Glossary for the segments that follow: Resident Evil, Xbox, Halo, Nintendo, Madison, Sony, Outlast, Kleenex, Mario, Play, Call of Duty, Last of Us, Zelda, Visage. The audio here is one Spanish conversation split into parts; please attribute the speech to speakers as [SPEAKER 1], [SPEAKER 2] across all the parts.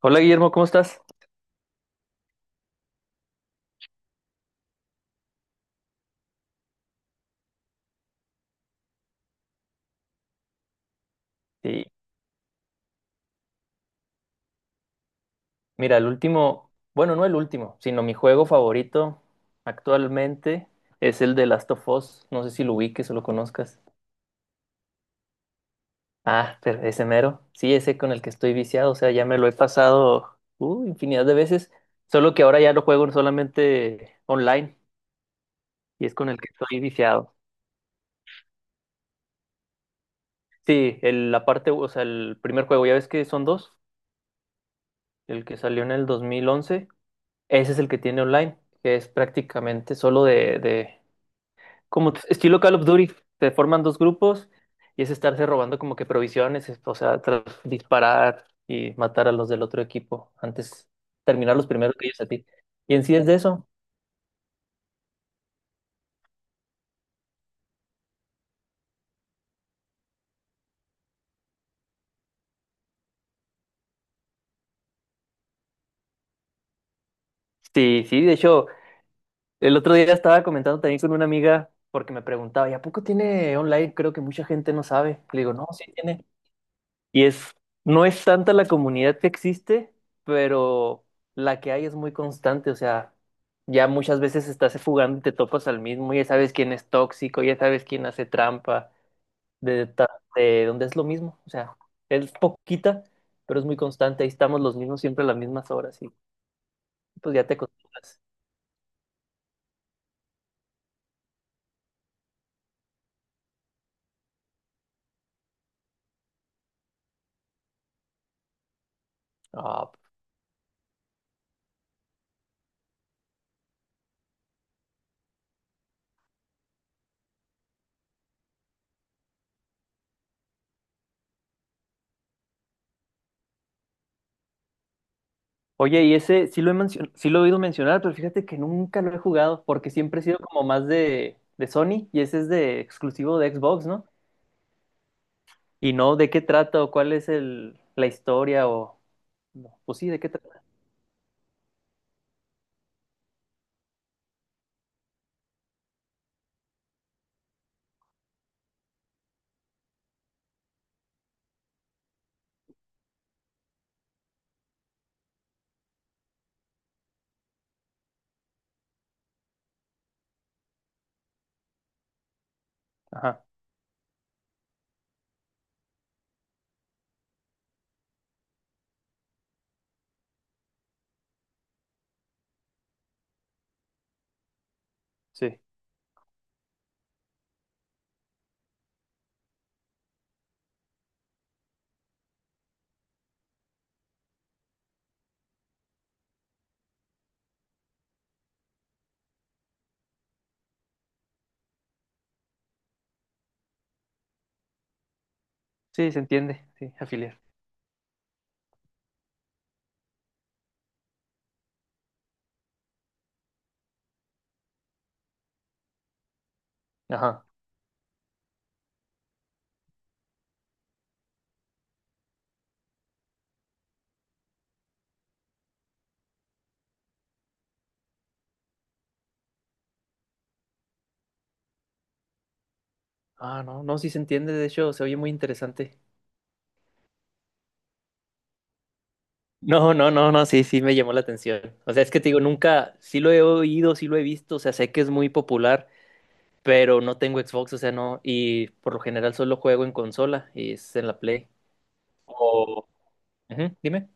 [SPEAKER 1] Hola Guillermo, ¿cómo estás? Sí, mira, el último, bueno, no el último, sino mi juego favorito actualmente es el de Last of Us. No sé si lo ubiques o lo conozcas. Ah, pero ese mero. Sí, ese con el que estoy viciado, o sea, ya me lo he pasado infinidad de veces, solo que ahora ya lo juego solamente online y es con el que estoy viciado. Sí, el, la parte, o sea, el primer juego, ya ves que son dos, el que salió en el 2011, ese es el que tiene online, que es prácticamente solo de estilo Call of Duty, te forman dos grupos y es estarse robando como que provisiones, o sea, disparar y matar a los del otro equipo antes terminar los primeros que ellos a ti. Y en sí es de eso. Sí, sí, de hecho, el otro día estaba comentando también con una amiga porque me preguntaba, ¿y a poco tiene online? Creo que mucha gente no sabe. Le digo, no, sí tiene. Y es, no es tanta la comunidad que existe, pero la que hay es muy constante. O sea, ya muchas veces estás fugando y te topas al mismo, ya sabes quién es tóxico, ya sabes quién hace trampa, de, ta- de donde es lo mismo. O sea, es poquita, pero es muy constante. Ahí estamos los mismos siempre a las mismas horas y pues ya te acostumbras. Ah, oye, y ese sí lo sí lo he oído mencionar, pero fíjate que nunca lo he jugado porque siempre he sido como más de Sony y ese es de exclusivo de Xbox, ¿no? Y no, ¿de qué trata o cuál es el, la historia o... no, pues sí, ¿de qué trata? Ajá, sí. Sí, se entiende, sí, afiliar. Ajá. Ah, no, no, sí se entiende, de hecho, se oye muy interesante. No, no, no, no, sí, sí me llamó la atención. O sea, es que te digo, nunca, sí lo he oído, sí lo he visto, o sea, sé que es muy popular, pero no tengo Xbox, o sea, no, y por lo general solo juego en consola y es en la Play. O... ujú, dime.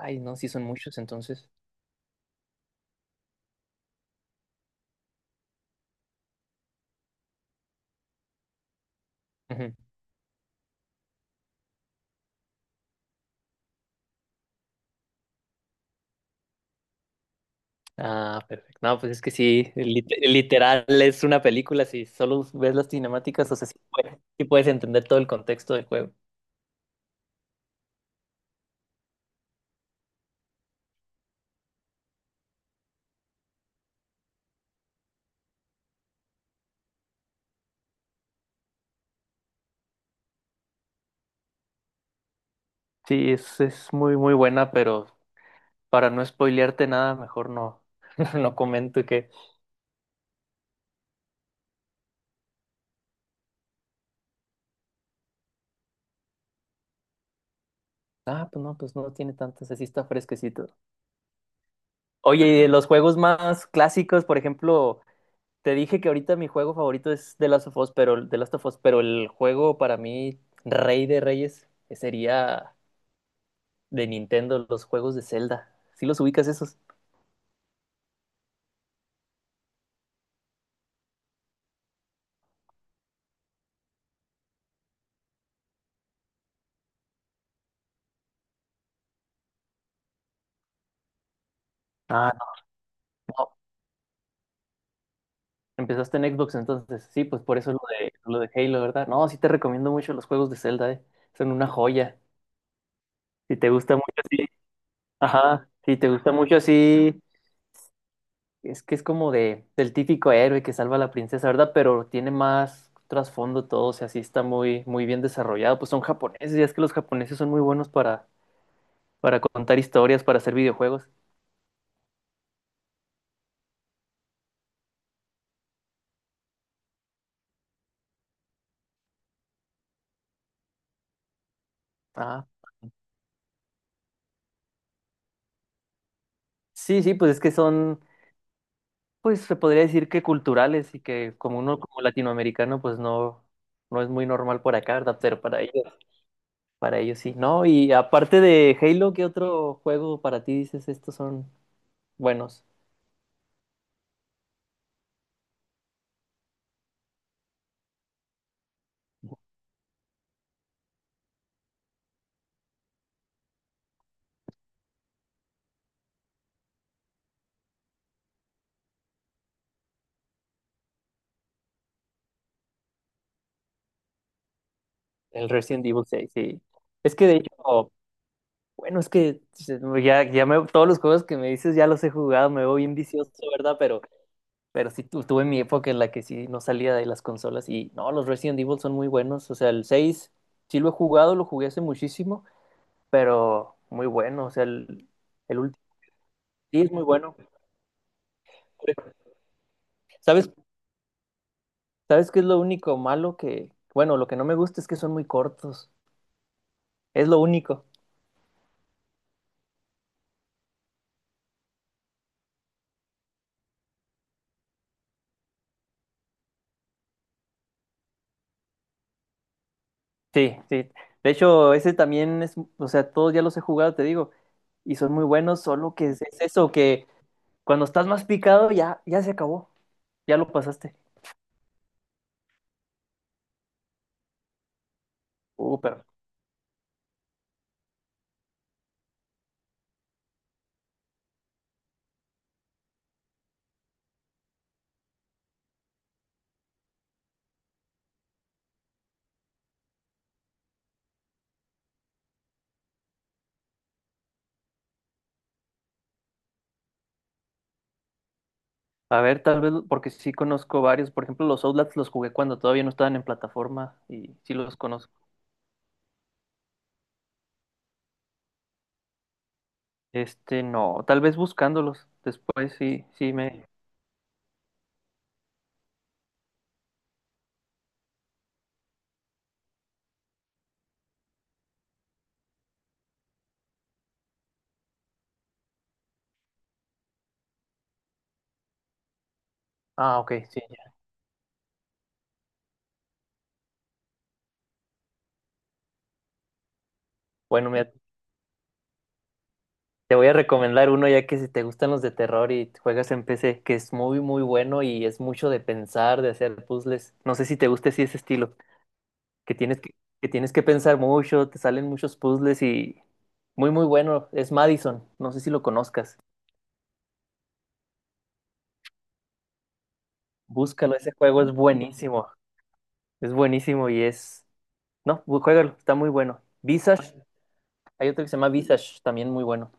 [SPEAKER 1] Ay, no, sí son muchos entonces. Ah, perfecto. No, pues es que sí, literal es una película, si solo ves las cinemáticas, o sea, sí puedes entender todo el contexto del juego. Sí, es muy, muy buena, pero para no spoilearte nada, mejor no, no comento que, ah, pues no tiene tantas, así está fresquecito. Oye, y de los juegos más clásicos, por ejemplo, te dije que ahorita mi juego favorito es The Last of Us, pero, The Last of Us, pero el juego para mí, rey de reyes, sería... de Nintendo, los juegos de Zelda. ¿Sí los ubicas esos? Ah, no, no. Empezaste en Xbox, entonces sí, pues por eso lo de Halo, ¿verdad? No, sí te recomiendo mucho los juegos de Zelda, ¿eh? Son una joya. Si te gusta mucho así, ajá, si te gusta mucho así, es que es como de, del típico héroe que salva a la princesa, ¿verdad? Pero tiene más trasfondo todo, o sea, sí está muy, muy bien desarrollado. Pues son japoneses, y es que los japoneses son muy buenos para contar historias, para hacer videojuegos. Ah, sí, sí, pues es que son, pues se podría decir que culturales y que como uno como latinoamericano pues no, no es muy normal por acá, ¿verdad? Pero para ellos sí, ¿no? Y aparte de Halo, ¿qué otro juego para ti dices estos son buenos? El Resident Evil seis sí. Es que de hecho, bueno, es que ya, ya me, todos los juegos que me dices ya los he jugado, me veo bien vicioso, ¿verdad? Pero sí tuve mi época en la que sí no salía de las consolas y no, los Resident Evil son muy buenos, o sea, el 6 sí lo he jugado, lo jugué hace muchísimo. Pero muy bueno, o sea, el último sí es muy bueno. ¿Sabes, sabes qué es lo único malo que, bueno, lo que no me gusta es que son muy cortos, es lo único. Sí, sí. De hecho, ese también es, o sea, todos ya los he jugado, te digo, y son muy buenos, solo que es eso, que cuando estás más picado ya, ya se acabó, ya lo pasaste. Pero, a ver, tal vez, porque sí conozco varios, por ejemplo, los Outlast los jugué cuando todavía no estaban en plataforma y sí los conozco. Este, no, tal vez buscándolos. Después sí, sí me. Ah, ok, sí. Ya. Bueno, mira, te voy a recomendar uno ya que si te gustan los de terror y juegas en PC, que es muy, muy bueno y es mucho de pensar, de hacer puzzles. No sé si te gusta así ese estilo, que tienes que, que tienes que pensar mucho, te salen muchos puzzles y muy, muy bueno. Es Madison, no sé si lo conozcas. Búscalo, ese juego es buenísimo. Es buenísimo y es. No, juégalo, está muy bueno. Visage, hay otro que se llama Visage, también muy bueno.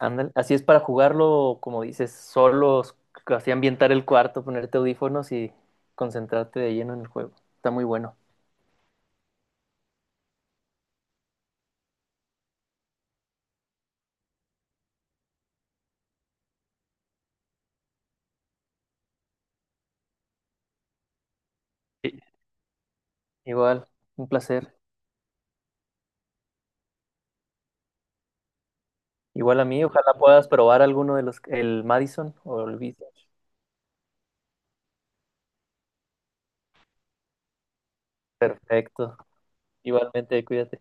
[SPEAKER 1] Ándale, así es para jugarlo, como dices, solos, así ambientar el cuarto, ponerte audífonos y concentrarte de lleno en el juego. Está muy bueno. Sí. Igual, un placer. Igual a mí, ojalá puedas probar alguno de los, el Madison o el Vista. Perfecto. Igualmente, cuídate.